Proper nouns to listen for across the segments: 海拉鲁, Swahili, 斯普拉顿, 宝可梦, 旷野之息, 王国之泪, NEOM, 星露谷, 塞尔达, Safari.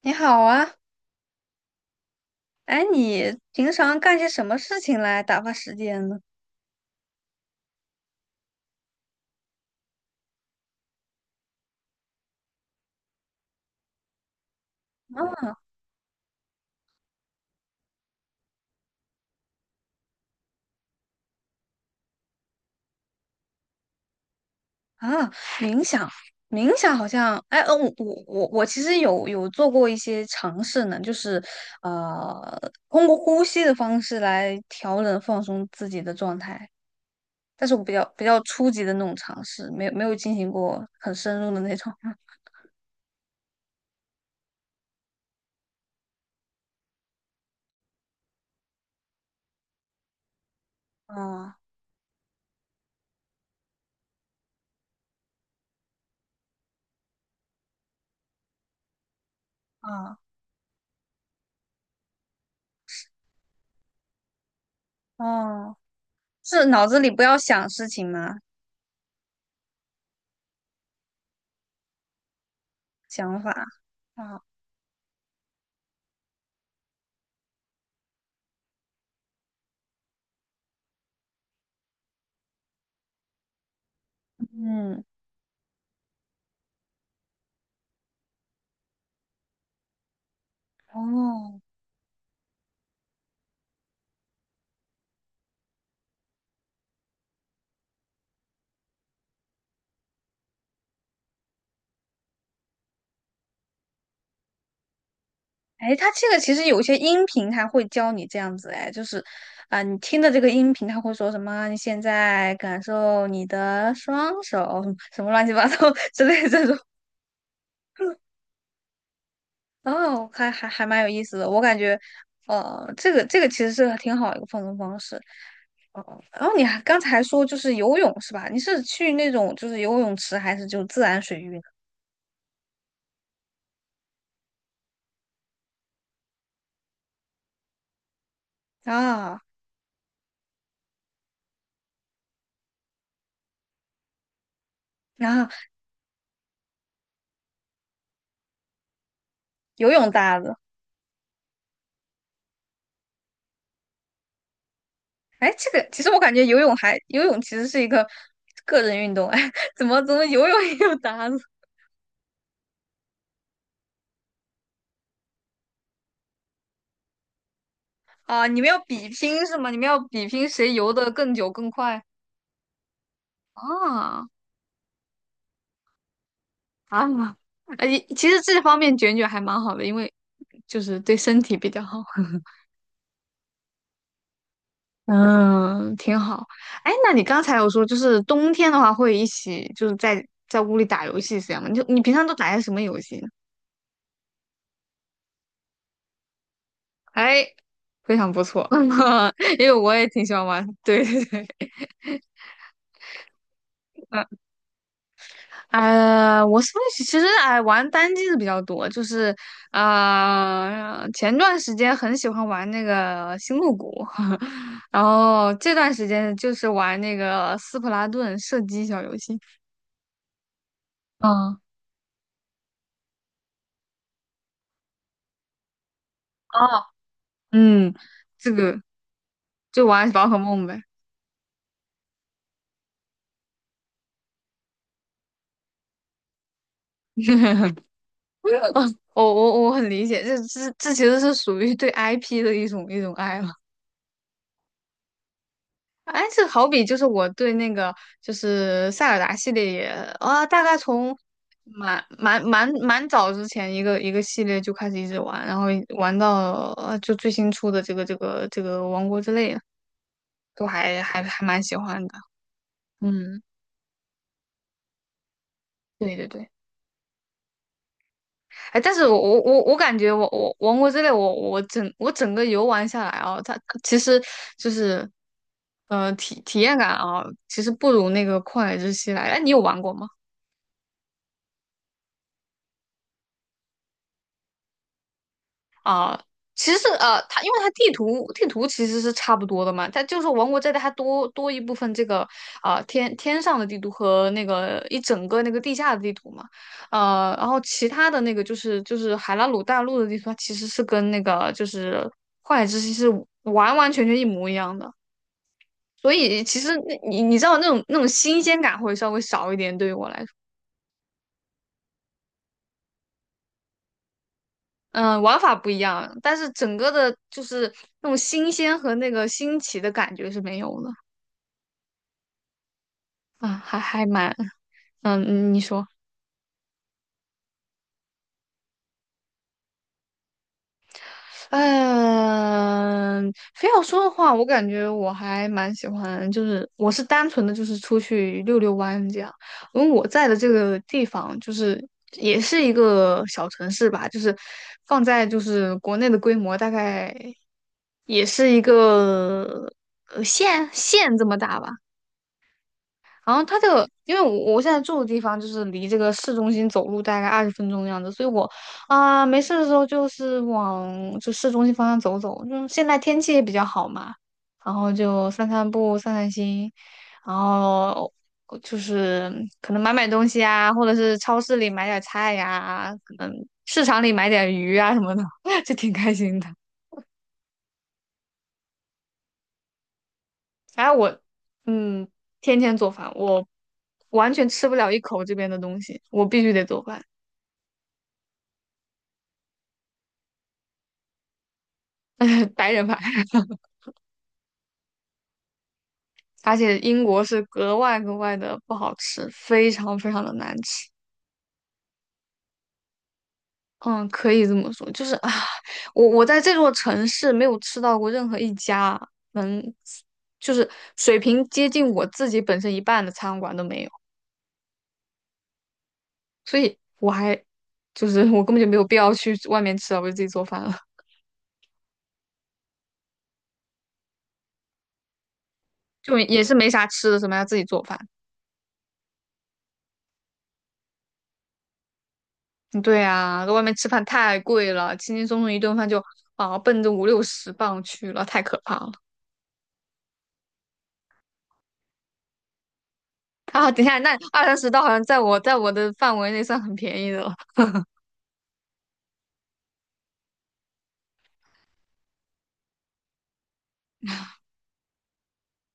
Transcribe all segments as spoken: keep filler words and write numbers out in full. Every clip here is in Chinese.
你好啊。哎，你平常干些什么事情来打发时间呢？啊。啊，冥想。冥想好像，哎，呃，我我我我其实有有做过一些尝试呢，就是呃，通过呼吸的方式来调整放松自己的状态，但是我比较比较初级的那种尝试，没有没有进行过很深入的那种。啊。啊。啊，是脑子里不要想事情吗？想法。啊。嗯。哦。哎，它这个其实有些音频它会教你这样子，哎，就是，啊、你听的这个音频它会说什么？你现在感受你的双手，什么乱七八糟 之类的这种。哦，还还还蛮有意思的。我感觉，呃，这个这个其实是挺好一个放松方式。哦，然后你还刚才还说就是游泳是吧？你是去那种就是游泳池还是就自然水域呢？啊。然后游泳搭子。哎，这个其实我感觉游泳还游泳其实是一个个人运动，哎，怎么怎么游泳也有搭子？啊？你们要比拼是吗？你们要比拼谁游的更久更快？啊。啊！而且其实这方面卷卷还蛮好的，因为就是对身体比较好。嗯，挺好。哎，那你刚才有说，就是冬天的话会一起就是在在屋里打游戏是这样吗？你就你平常都打些什么游戏呢？哎，非常不错。因为我也挺喜欢玩。对对对。嗯，呃，我是不是其实哎玩单机的比较多，就是啊、呃前段时间很喜欢玩那个星露谷，然后这段时间就是玩那个斯普拉顿射击小游戏。嗯。哦。嗯，这个就玩宝可梦呗。我我我很理解，这这这其实是属于对 I P 的一种一种爱好。哎，这好比就是我对那个就是塞尔达系列也，啊，大概从蛮蛮蛮蛮早之前一个一个系列就开始一直玩，然后玩到呃就最新出的这个这个这个王国之泪，都还还还蛮喜欢的。嗯，对对对。哎，但是我我我我感觉我我王国之泪，我我整我整个游玩下来啊，它其实就是呃体体验感啊，其实不如那个旷野之息来。哎，你有玩过吗？啊、其实呃，它因为它地图地图其实是差不多的嘛，它就是王国这代它多多一部分这个啊、呃天天上的地图和那个一整个那个地下的地图嘛，呃，然后其他的那个就是就是海拉鲁大陆的地图，它其实是跟那个就是幻野之息是完完全全一模一样的，所以其实那你你知道那种那种新鲜感会稍微少一点，对于我来说。嗯，玩法不一样，但是整个的就是那种新鲜和那个新奇的感觉是没有的。啊，还还蛮。嗯。嗯你说。嗯，非要说的话，我感觉我还蛮喜欢，就是我是单纯的就是出去溜溜弯这样，因为我在的这个地方就是也是一个小城市吧，就是放在就是国内的规模大概也是一个呃县县这么大吧。然后它这个，因为我我现在住的地方就是离这个市中心走路大概二十分钟的样子，所以我啊、没事的时候就是往就市中心方向走走。就现在天气也比较好嘛，然后就散散步、散散心，然后就是可能买买东西啊，或者是超市里买点菜呀，可能市场里买点鱼啊什么的，就挺开心的。反正我，嗯，天天做饭，我完全吃不了一口这边的东西，我必须得做饭。白人饭，而且英国是格外格外的不好吃，非常非常的难吃。嗯，可以这么说，就是啊，我我在这座城市没有吃到过任何一家能，就是水平接近我自己本身一半的餐馆都没有，所以我还就是我根本就没有必要去外面吃了，我就自己做饭了。就也是没啥吃的，什么要自己做饭。嗯对啊，在外面吃饭太贵了，轻轻松松一顿饭就啊奔着五六十磅去了，太可怕了。啊，等一下，那二三十刀好像在我在我的范围内算很便宜的了。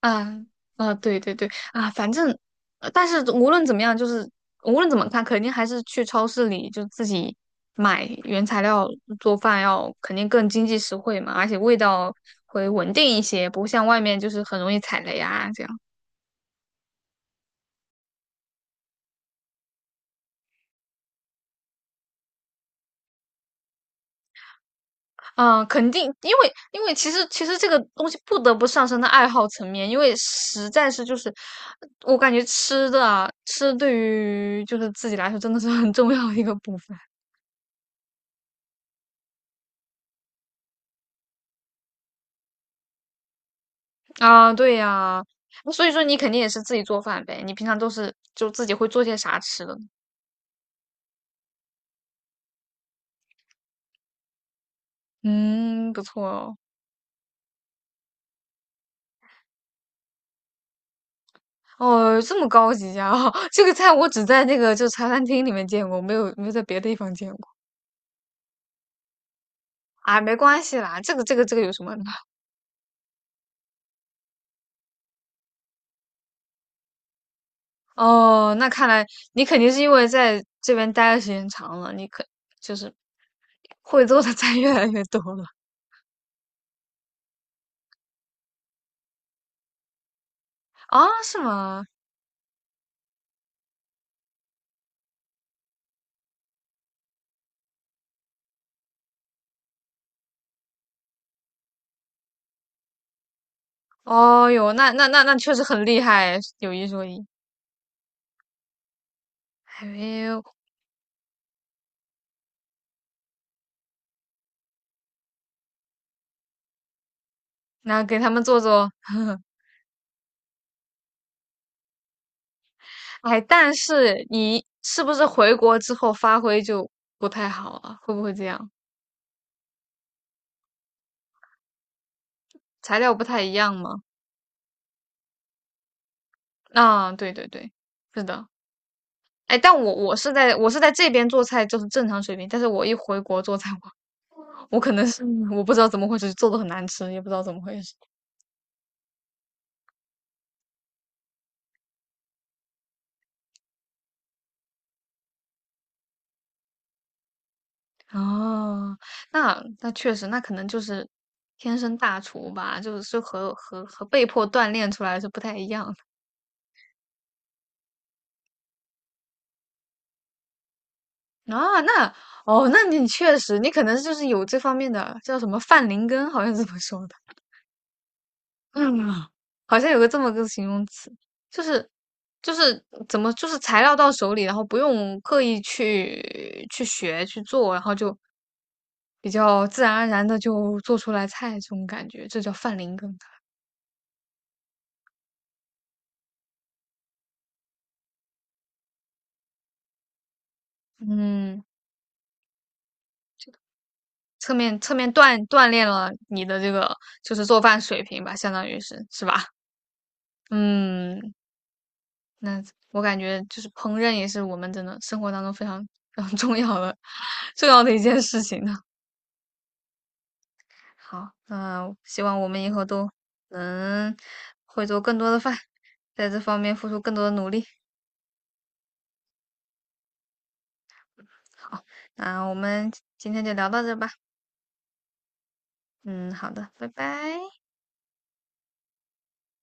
啊。啊，对对对啊，反正，呃但是无论怎么样，就是无论怎么看，肯定还是去超市里就自己买原材料做饭要肯定更经济实惠嘛，而且味道会稳定一些，不像外面就是很容易踩雷啊这样。嗯，肯定，因为因为其实其实这个东西不得不上升到爱好层面，因为实在是就是我感觉吃的啊，吃对于就是自己来说真的是很重要的一个部分。啊，对呀，所以说你肯定也是自己做饭呗，你平常都是就自己会做些啥吃的呢？嗯，不错哦。哦，这么高级呀，这个菜我只在那个就茶餐厅里面见过，没有没有在别的地方见过。啊，没关系啦，这个这个这个有什么？哦，那看来你肯定是因为在这边待的时间长了，你可就是会做的菜 越来越多了。啊？是吗？哦哟，那那那那确实很厉害，有一说一。还没有。那给他们做做。哎，但是你是不是回国之后发挥就不太好了？会不会这样？材料不太一样吗？啊，对对对，是的。哎，但我我是在我是在这边做菜就是正常水平，但是我一回国做菜 我可能是，我不知道怎么回事，做的很难吃，也不知道怎么回事。哦，那那确实，那可能就是天生大厨吧，就是和和和被迫锻炼出来是不太一样的啊。那哦，那你确实，你可能就是有这方面的，叫什么范林根，好像是这么说的。嗯，好像有个这么个形容词，就是就是怎么就是材料到手里，然后不用刻意去去学去做，然后就比较自然而然的就做出来菜这种感觉，这叫饭龄根。嗯，侧面侧面锻锻炼了你的这个就是做饭水平吧，相当于是是吧？嗯，那我感觉就是烹饪也是我们真的生活当中非常非常重要的 重要的一件事情呢。好，那希望我们以后都能会做更多的饭，在这方面付出更多的努力。好，那我们今天就聊到这吧。嗯，好的，拜拜。